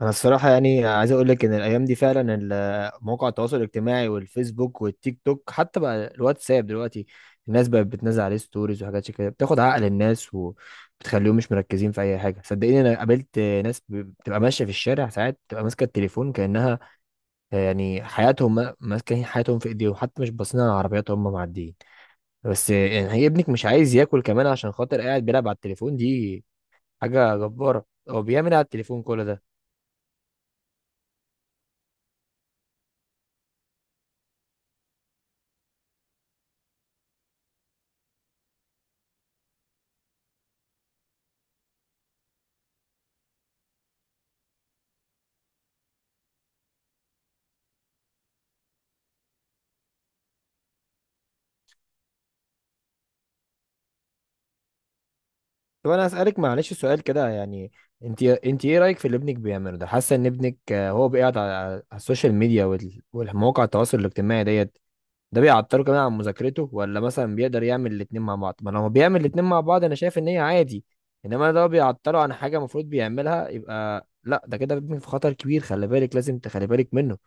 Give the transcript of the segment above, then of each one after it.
انا الصراحه، يعني عايز اقول لك ان الايام دي فعلا مواقع التواصل الاجتماعي والفيسبوك والتيك توك، حتى بقى الواتساب دلوقتي. الناس بقت بتنزل عليه ستوريز وحاجات شي كده، بتاخد عقل الناس وبتخليهم مش مركزين في اي حاجه. صدقيني انا قابلت ناس بتبقى ماشيه في الشارع ساعات، بتبقى ماسكه التليفون كانها يعني حياتهم، ماسكين حياتهم في ايديهم، حتى مش باصين على العربيات وهم معديين. بس يعني هي ابنك مش عايز ياكل كمان عشان خاطر قاعد بيلعب على التليفون دي؟ حاجه جباره، هو بيعمل إيه على التليفون كل ده؟ طب انا اسالك معلش سؤال كده يعني، انت ايه رايك في اللي ابنك بيعمله ده؟ حاسه ان ابنك هو بيقعد على السوشيال ميديا والمواقع التواصل الاجتماعي ديت؟ ده بيعطله كمان عن مذاكرته، ولا مثلا بيقدر يعمل الاتنين مع بعض؟ ما لو بيعمل الاتنين مع بعض انا شايف ان هي عادي، انما ده بيعطله عن حاجه المفروض بيعملها يبقى لا، ده كده ابنك في خطر كبير، خلي بالك، لازم تخلي بالك منه.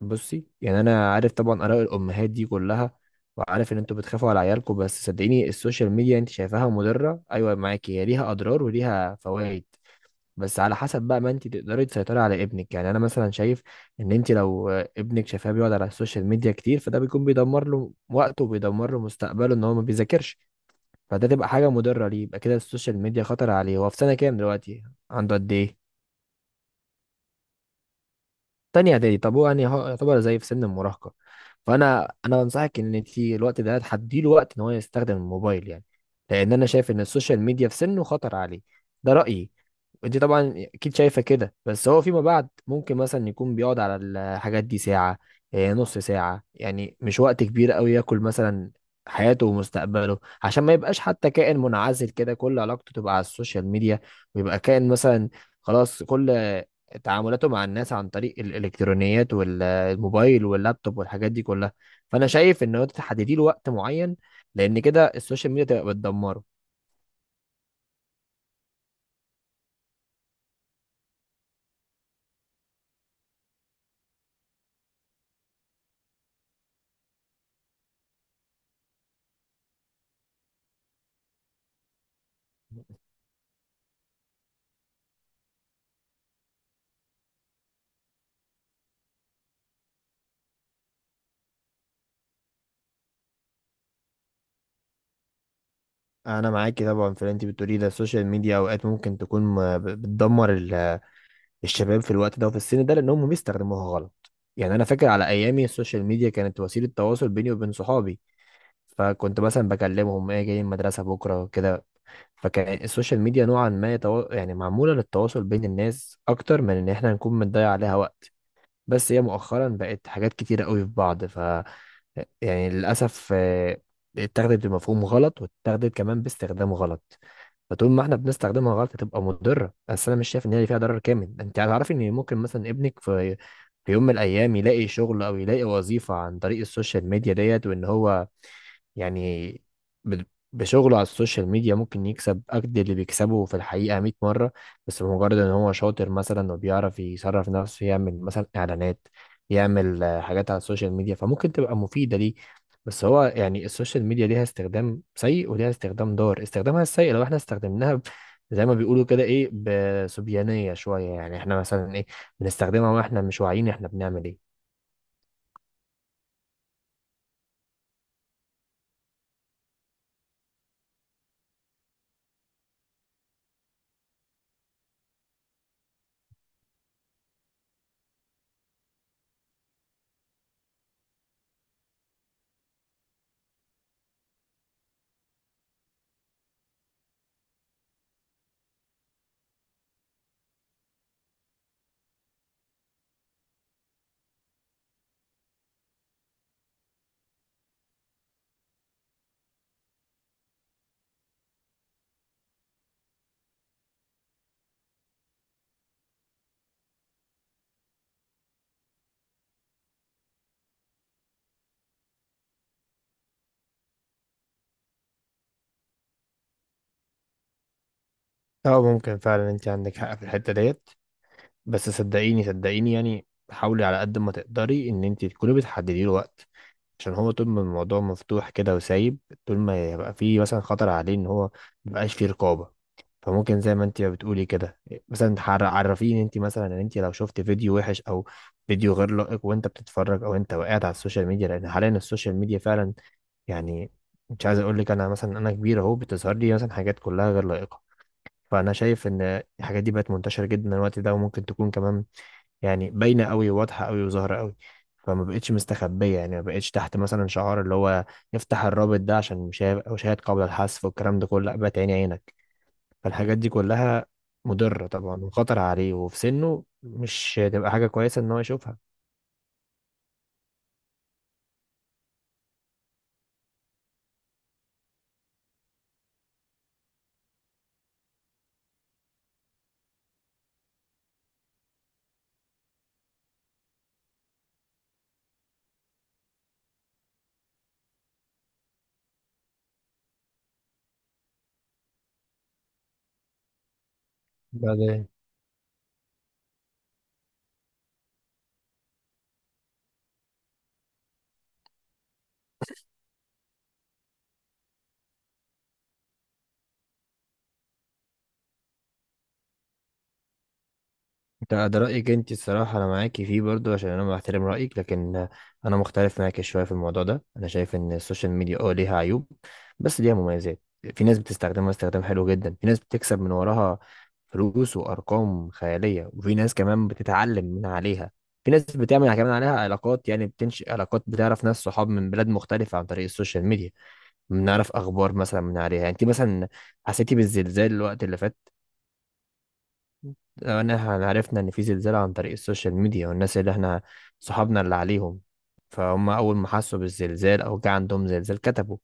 بصي، يعني انا عارف طبعا اراء الامهات دي كلها، وعارف ان انتوا بتخافوا على عيالكم، بس صدقيني السوشيال ميديا انت شايفاها مضره، ايوه معاكي، هي ليها اضرار وليها فوائد، بس على حسب بقى ما انت تقدري تسيطري على ابنك. يعني انا مثلا شايف ان انت لو ابنك شايفاه بيقعد على السوشيال ميديا كتير، فده بيكون بيدمر له وقته وبيدمر له مستقبله ان هو ما بيذاكرش. فده تبقى حاجه مضره ليه، يبقى كده السوشيال ميديا خطر عليه. هو في سنه كام دلوقتي؟ عنده قد ايه؟ تانية اعدادي، طب هو يعني هو يعتبر زي في سن المراهقة، فانا بنصحك ان انت الوقت ده تحدي له وقت ان هو يستخدم الموبايل، يعني لان انا شايف ان السوشيال ميديا في سنه خطر عليه، ده رأيي. انت طبعا اكيد شايفه كده، بس هو فيما بعد ممكن مثلا يكون بيقعد على الحاجات دي ساعه، نص ساعه، يعني مش وقت كبير قوي ياكل مثلا حياته ومستقبله، عشان ما يبقاش حتى كائن منعزل كده كل علاقته تبقى على السوشيال ميديا، ويبقى كائن مثلا خلاص كل تعاملاته مع الناس عن طريق الالكترونيات والموبايل واللابتوب والحاجات دي كلها. فانا شايف ان هو تحددي له وقت معين، لان كده السوشيال ميديا تبقى بتدمره. انا معاكي طبعا في اللي انت بتقوليه ده، السوشيال ميديا اوقات ممكن تكون بتدمر الشباب في الوقت ده وفي السن ده لانهم بيستخدموها غلط. يعني انا فاكر على ايامي السوشيال ميديا كانت وسيله تواصل بيني وبين صحابي، فكنت مثلا بكلمهم ايه جاي المدرسه بكره كده، فكان السوشيال ميديا نوعا ما يعني معمولة للتواصل بين الناس أكتر من إن إحنا نكون بنضيع عليها وقت. بس هي مؤخرا بقت حاجات كتيرة قوي في بعض، يعني للأسف اتاخدت بمفهوم غلط، واتاخدت كمان باستخدام غلط. فطول ما احنا بنستخدمها غلط هتبقى مضرة، بس أنا مش شايف إن هي فيها ضرر كامل. أنت هتعرفي إن ممكن مثلا ابنك في يوم من الأيام يلاقي شغل أو يلاقي وظيفة عن طريق السوشيال ميديا ديت، وإن هو يعني ب- بشغله على السوشيال ميديا ممكن يكسب قد اللي بيكسبه في الحقيقة 100 مرة. بس بمجرد ان هو شاطر مثلا وبيعرف يصرف نفسه، يعمل مثلا اعلانات، يعمل حاجات على السوشيال ميديا، فممكن تبقى مفيدة ليه. بس هو يعني السوشيال ميديا ليها استخدام سيء وليها استخدام ضار، استخدامها السيء لو احنا استخدمناها زي ما بيقولوا كده ايه، بصبيانية شوية، يعني احنا مثلا ايه، بنستخدمها واحنا مش واعيين احنا بنعمل ايه. اه ممكن فعلا انت عندك حق في الحتة ديت، بس صدقيني صدقيني يعني حاولي على قد ما تقدري ان انت تكوني بتحددي له وقت، عشان هو طول ما الموضوع مفتوح كده وسايب، طول ما يبقى فيه مثلا خطر عليه ان هو مبقاش فيه رقابة، فممكن زي ما انت بتقولي كده مثلا عرفيه ان انت مثلا ان انت لو شفت فيديو وحش او فيديو غير لائق، وانت بتتفرج، او انت وقعت على السوشيال ميديا، لان حاليا السوشيال ميديا فعلا يعني، مش عايز اقول لك، انا مثلا انا كبير اهو، بتظهر لي مثلا حاجات كلها غير لائقة، فانا شايف ان الحاجات دي بقت منتشره جدا الوقت ده، وممكن تكون كمان يعني باينه قوي واضحه قوي وظاهره قوي، فما بقتش مستخبيه. يعني ما بقتش تحت مثلا شعار اللي هو يفتح الرابط ده عشان مشاهد او شاهد قبل الحذف والكلام ده كله، لا بقت عيني عينك. فالحاجات دي كلها مضره طبعا وخطر عليه، وفي سنه مش هتبقى حاجه كويسه ان هو يشوفها. بعدين، ده رأيك انت الصراحة، انا معاكي فيه برضو عشان انا بحترم رأيك، لكن انا مختلف معاكي شوية في الموضوع ده. انا شايف ان السوشيال ميديا ليها عيوب بس ليها مميزات، في ناس بتستخدمها استخدام حلو جدا، في ناس بتكسب من وراها فلوس وارقام خيالية، وفي ناس كمان بتتعلم من عليها، في ناس بتعمل كمان عليها علاقات، يعني بتنشئ علاقات، بتعرف ناس صحاب من بلاد مختلفة عن طريق السوشيال ميديا، بنعرف اخبار مثلا من عليها. يعني انت مثلا حسيتي بالزلزال الوقت اللي فات؟ لو ان احنا عرفنا ان في زلزال عن طريق السوشيال ميديا، والناس اللي احنا صحابنا اللي عليهم، فهم اول ما حسوا بالزلزال او جه عندهم زلزال كتبوا.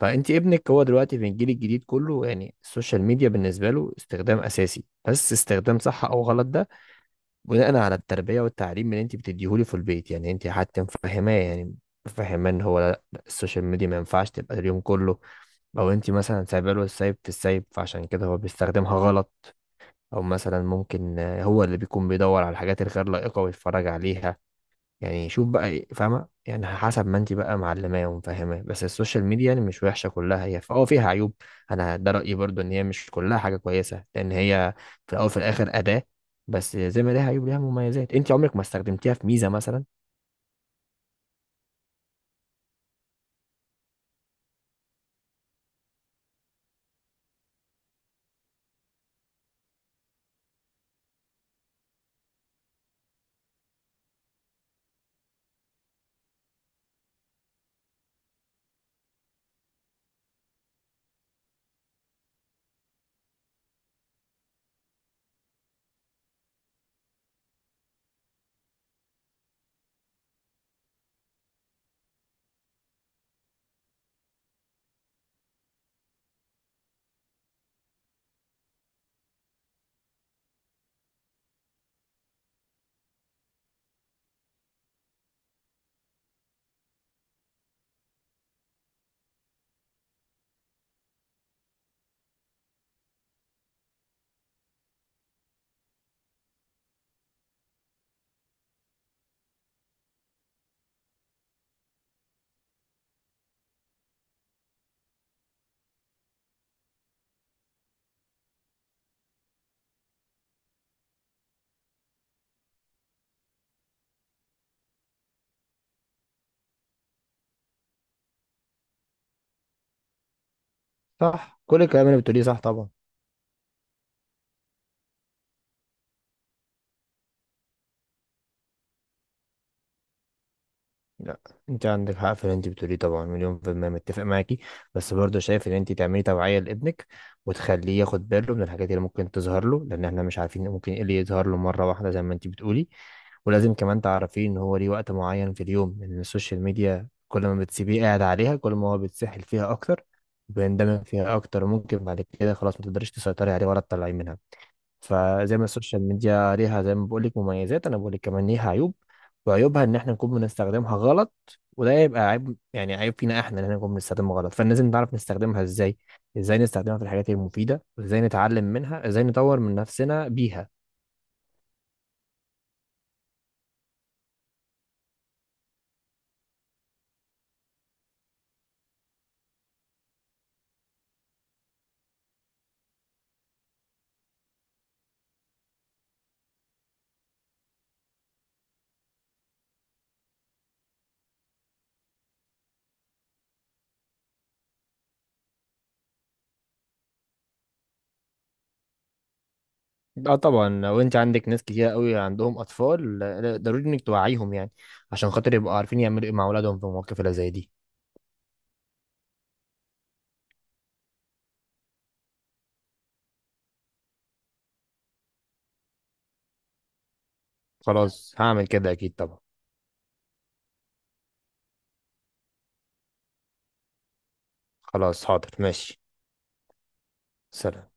فانت ابنك هو دلوقتي في الجيل الجديد، كله يعني السوشيال ميديا بالنسبه له استخدام اساسي، بس استخدام صح او غلط ده بناء على التربيه والتعليم اللي انت بتديهوله في البيت، يعني انت حتى مفهماه، يعني مفهماه ان هو لا لا، السوشيال ميديا ما ينفعش تبقى اليوم كله، او انت مثلا سايبه له السايب في السايب، فعشان كده هو بيستخدمها غلط، او مثلا ممكن هو اللي بيكون بيدور على الحاجات الغير لائقه ويتفرج عليها. يعني شوف بقى إيه، فاهمه؟ يعني حسب ما انت بقى معلماه ومفهماه، بس السوشيال ميديا يعني مش وحشه كلها، هي فيها عيوب. انا ده رايي برضو، ان هي مش كلها حاجه كويسه، لان هي في الاول وفي الاخر اداه، بس زي ما ليها عيوب ليها مميزات. انت عمرك ما استخدمتيها في ميزه مثلا؟ صح كل الكلام اللي بتقوليه صح طبعا. لا، انت عندك حق في اللي انت بتقوليه طبعا، مليون في المية متفق معاكي، بس برضه شايف ان انت تعملي توعية لابنك، وتخليه ياخد باله من الحاجات اللي ممكن تظهر له، لان احنا مش عارفين ممكن ايه اللي يظهر له مرة واحدة زي ما انت بتقولي، ولازم كمان تعرفيه ان هو ليه وقت معين في اليوم، لان السوشيال ميديا كل ما بتسيبيه قاعد عليها كل ما هو بيتسحل فيها اكتر، بيندمج فيها اكتر، ممكن بعد كده خلاص ما تقدريش تسيطري عليه ولا تطلعيه منها. فزي ما السوشيال ميديا ليها زي ما بقول لك مميزات، انا بقول لك كمان ليها عيوب، وعيوبها ان احنا نكون بنستخدمها غلط، وده يبقى عيب يعني عيب فينا احنا، ان احنا نكون بنستخدمها غلط، فلازم نعرف نستخدمها ازاي، ازاي نستخدمها في الحاجات المفيده، ازاي نتعلم منها، ازاي نطور من نفسنا بيها. اه طبعا لو انت عندك ناس كتير قوي عندهم اطفال، لا، ضروري انك توعيهم يعني، عشان خاطر يبقوا عارفين يعملوا ايه مع اولادهم في المواقف اللي زي دي. خلاص هعمل كده اكيد طبعا، خلاص حاضر ماشي، سلام.